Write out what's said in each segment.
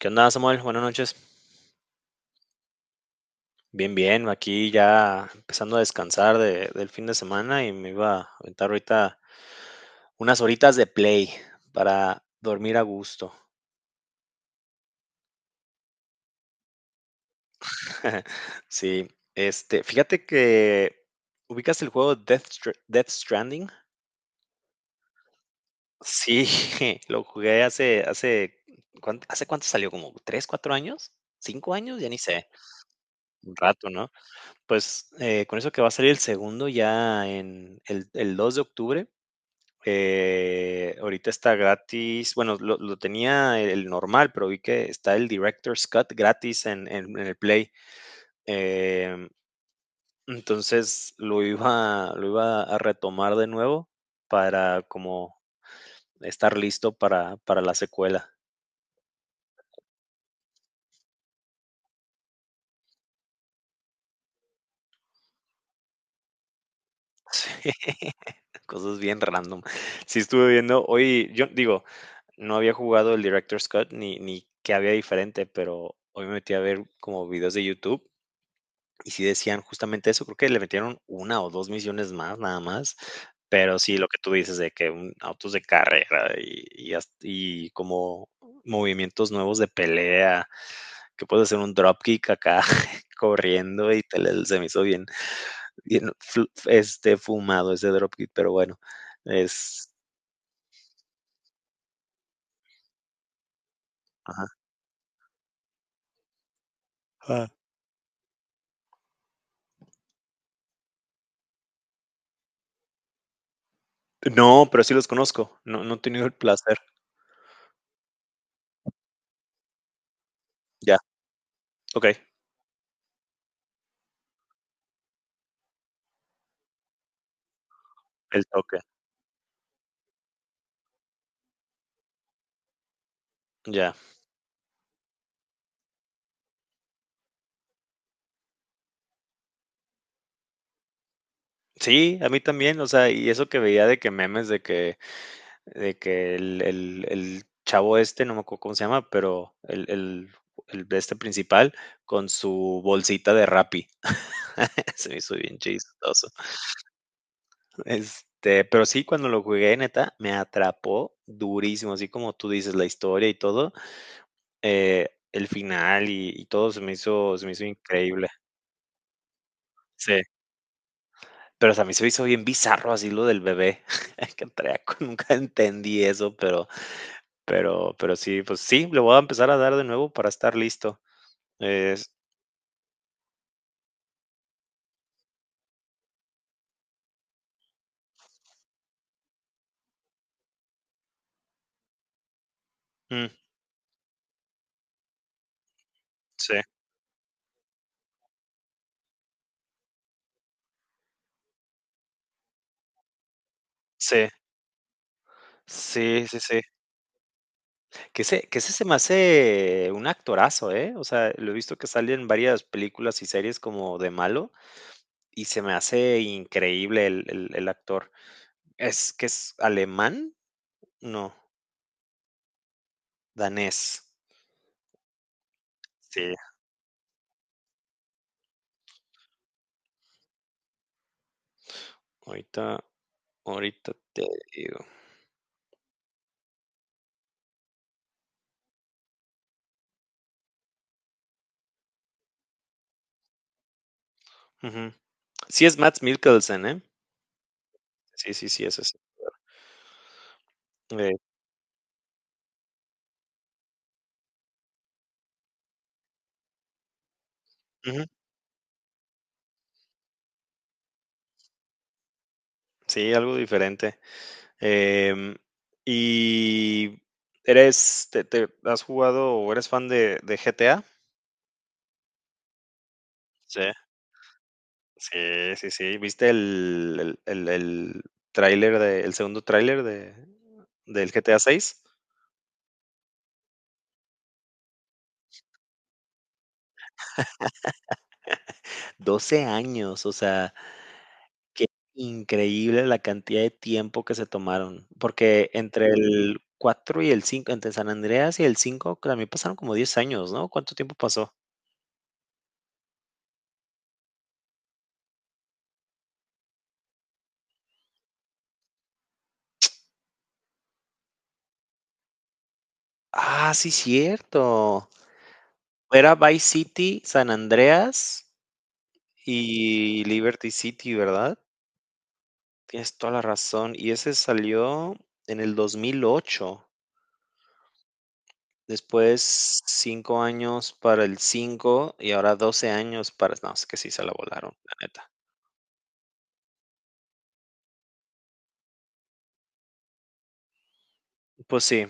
¿Qué onda, Samuel? Buenas noches. Bien, bien, aquí ya empezando a descansar del fin de semana y me iba a aventar ahorita unas horitas de play para dormir a gusto. Sí, fíjate que ubicas el juego Death, Death Stranding. Sí, lo jugué ¿hace cuánto salió? ¿Como 3, 4 años? ¿5 años? Ya ni sé. Un rato, ¿no? Pues con eso que va a salir el segundo ya en el 2 de octubre. Ahorita está gratis. Bueno, lo tenía el normal, pero vi que está el Director's Cut gratis en el Play. Eh, entonces lo iba a retomar de nuevo para como estar listo para la secuela. Cosas bien random. Sí estuve viendo, hoy yo digo, no había jugado el Director's Cut ni qué había diferente, pero hoy me metí a ver como videos de YouTube. Y sí decían justamente eso, creo que le metieron una o 2 misiones más, nada más, pero sí, lo que tú dices de que un autos de carrera y como movimientos nuevos de pelea, que puedes hacer un dropkick acá corriendo y te le se me hizo bien bien fumado ese dropkick, pero bueno, es ajá. Ah, no, pero sí los conozco, no he tenido el placer. Ya, okey, el toque, ya. Sí, a mí también, o sea, y eso que veía de que memes de que el chavo este, no me acuerdo cómo se llama, pero el de este principal con su bolsita de Rappi. Se me hizo bien chistoso. Pero sí, cuando lo jugué, neta, me atrapó durísimo, así como tú dices, la historia y todo, el final y todo se me hizo increíble. Sí. Pero o sea, a mí se me hizo bien bizarro así lo del bebé que traía, nunca entendí eso, pero sí, pues sí, le voy a empezar a dar de nuevo para estar listo. Es- mm. Sí, sí, sí, sí, sí. Que ese se me hace un actorazo, ¿eh? O sea, lo he visto que sale en varias películas y series como de malo y se me hace increíble el actor. ¿Es que es alemán? No, danés. Sí, ahorita, ahorita te digo. Ujú. Sí es Mads Mikkelsen, ¿eh? Sí, sí, sí, es ese. Eh, ujú. Sí, algo diferente. Em, ¿y has jugado o eres fan de GTA? Sí, sí, sí, sí. ¿Viste el el segundo tráiler del GTA 6? 12 años, o sea, qué increíble la cantidad de tiempo que se tomaron, porque entre el 4 y el 5, entre San Andreas y el 5, también pasaron como 10 años, ¿no? ¿Cuánto tiempo pasó? Ah, sí, cierto. Era Vice City, San Andreas y Liberty City, ¿verdad? Tienes toda la razón. Y ese salió en el 2008. Después 5 años para el cinco y ahora 12 años para no, es que sí se la volaron, la neta. Pues sí,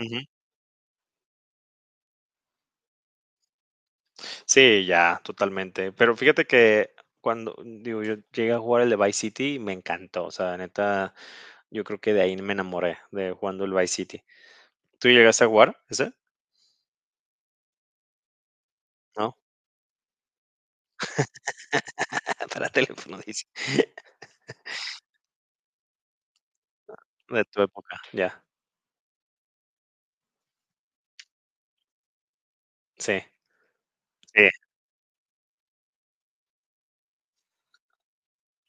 ujú. Sí, ya, totalmente. Pero fíjate que cuando, digo, yo llegué a jugar el de Vice City me encantó. O sea, neta, yo creo que de ahí me enamoré de jugando el Vice City. ¿Tú llegaste a jugar ese? ¿No? Para teléfono, dice. De tu época, ya. Sí, sí,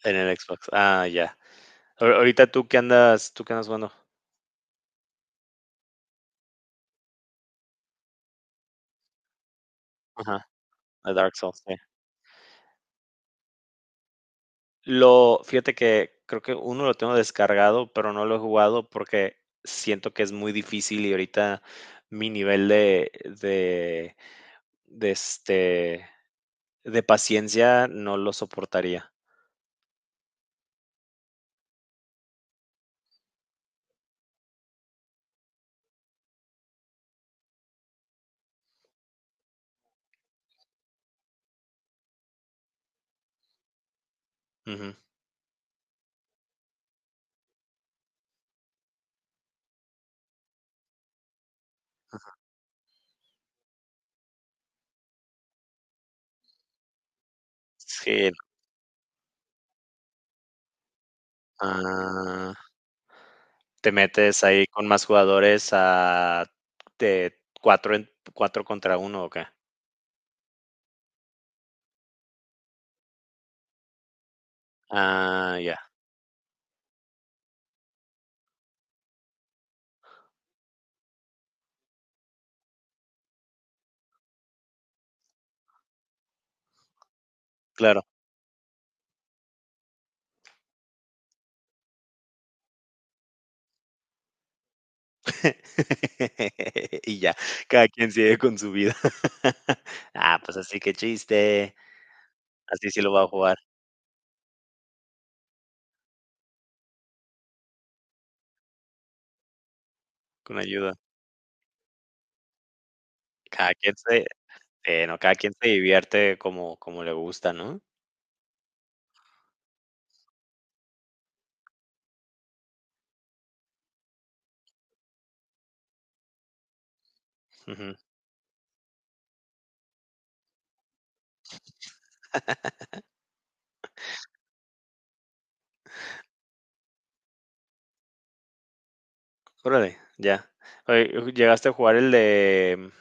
en el Xbox. Ah, ya. Ahorita tú qué andas jugando. Ajá, a Dark Souls, sí. Lo Fíjate que creo que uno lo tengo descargado, pero no lo he jugado porque siento que es muy difícil y ahorita mi nivel de, este, de paciencia no lo soportaría. Ujú. Sí. Ah. Te metes ahí con más jugadores a de 4 en 4 contra uno, ¿o qué? Ah, ya, claro. Y ya, cada quien sigue con su vida. Ah, pues así, que chiste. Así sí lo va a jugar, con ayuda. Cada quien se No, cada quien se divierte como le gusta, ¿no? Ujú. Órale, ya. Oye, ¿llegaste a jugar el de?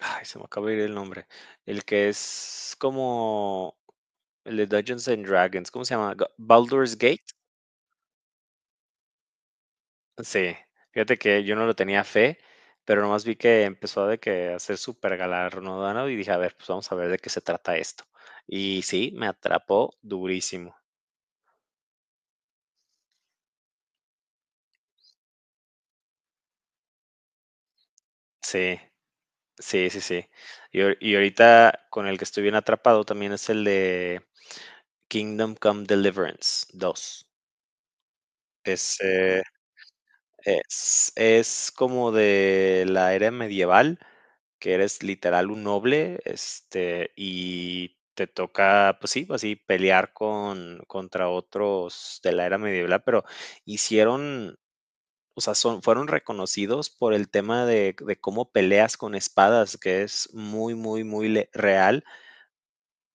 Ay, se me acaba de ir el nombre. El que es como El de Dungeons and Dragons, ¿cómo se llama? Baldur's Gate. Sí, fíjate que yo no lo tenía fe, pero nomás vi que empezó de que a ser súper galardonado y dije, a ver, pues vamos a ver de qué se trata esto. Y sí, me atrapó durísimo. Sí, sí, sí, sí. Y ahorita con el que estoy bien atrapado también es el de Kingdom Come Deliverance 2. Ese, es como de la era medieval, que eres literal un noble, y te toca, pues sí, así pelear contra otros de la era medieval, pero hicieron, o sea, son fueron reconocidos por el tema de cómo peleas con espadas, que es muy, muy, muy le real,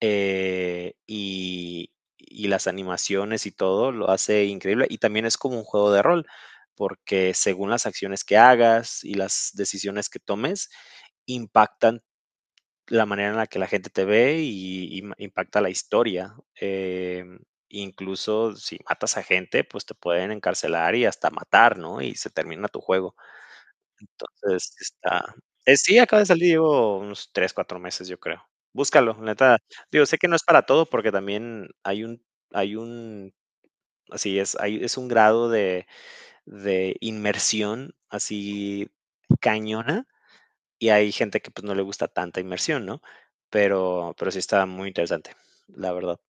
eh, y y las animaciones y todo lo hace increíble. Y también es como un juego de rol, porque según las acciones que hagas y las decisiones que tomes, impactan la manera en la que la gente te ve y impacta la historia. Eh, incluso si matas a gente, pues te pueden encarcelar y hasta matar, ¿no? Y se termina tu juego. Entonces, sí, acaba de salir, llevo unos 3, 4 meses, yo creo. Búscalo, neta. Digo, sé que no es para todo, porque también hay un así es, hay es un grado de inmersión así cañona, y hay gente que, pues, no le gusta tanta inmersión, ¿no? Pero sí está muy interesante, la verdad.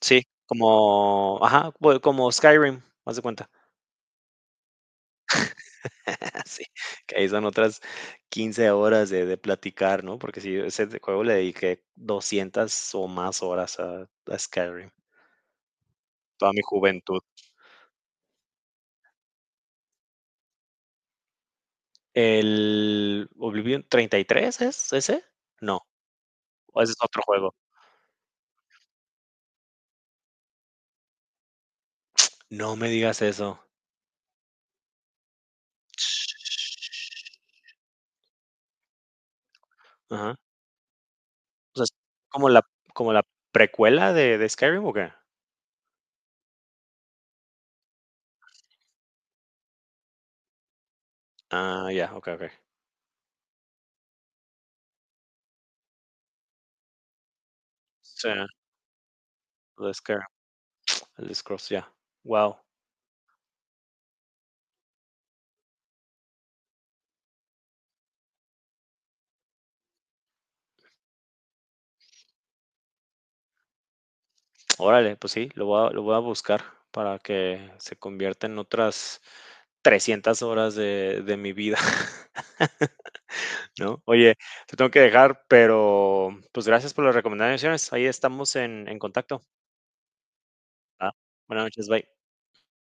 Sí, como ajá, bueno, como Skyrim, haz de cuenta. Sí, que ahí son otras 15 horas de platicar, ¿no? Porque si ese de juego le dediqué 200 o más horas a Skyrim, toda mi juventud. El Oblivion, ¿33 es ese? No, o ese es otro juego. No me digas eso. Ch- Ajá. O sea, ¿es como la como la precuela de Skyrim o qué? Ah, ya, okey, okey. Sí, el Skyrim, el Scrolls, ya. Wow. Órale, pues sí, lo voy a buscar para que se convierta en otras 300 horas de mi vida, ¿no? Oye, te tengo que dejar, pero pues gracias por las recomendaciones. Ahí estamos en contacto. Ah, buenas noches, bye.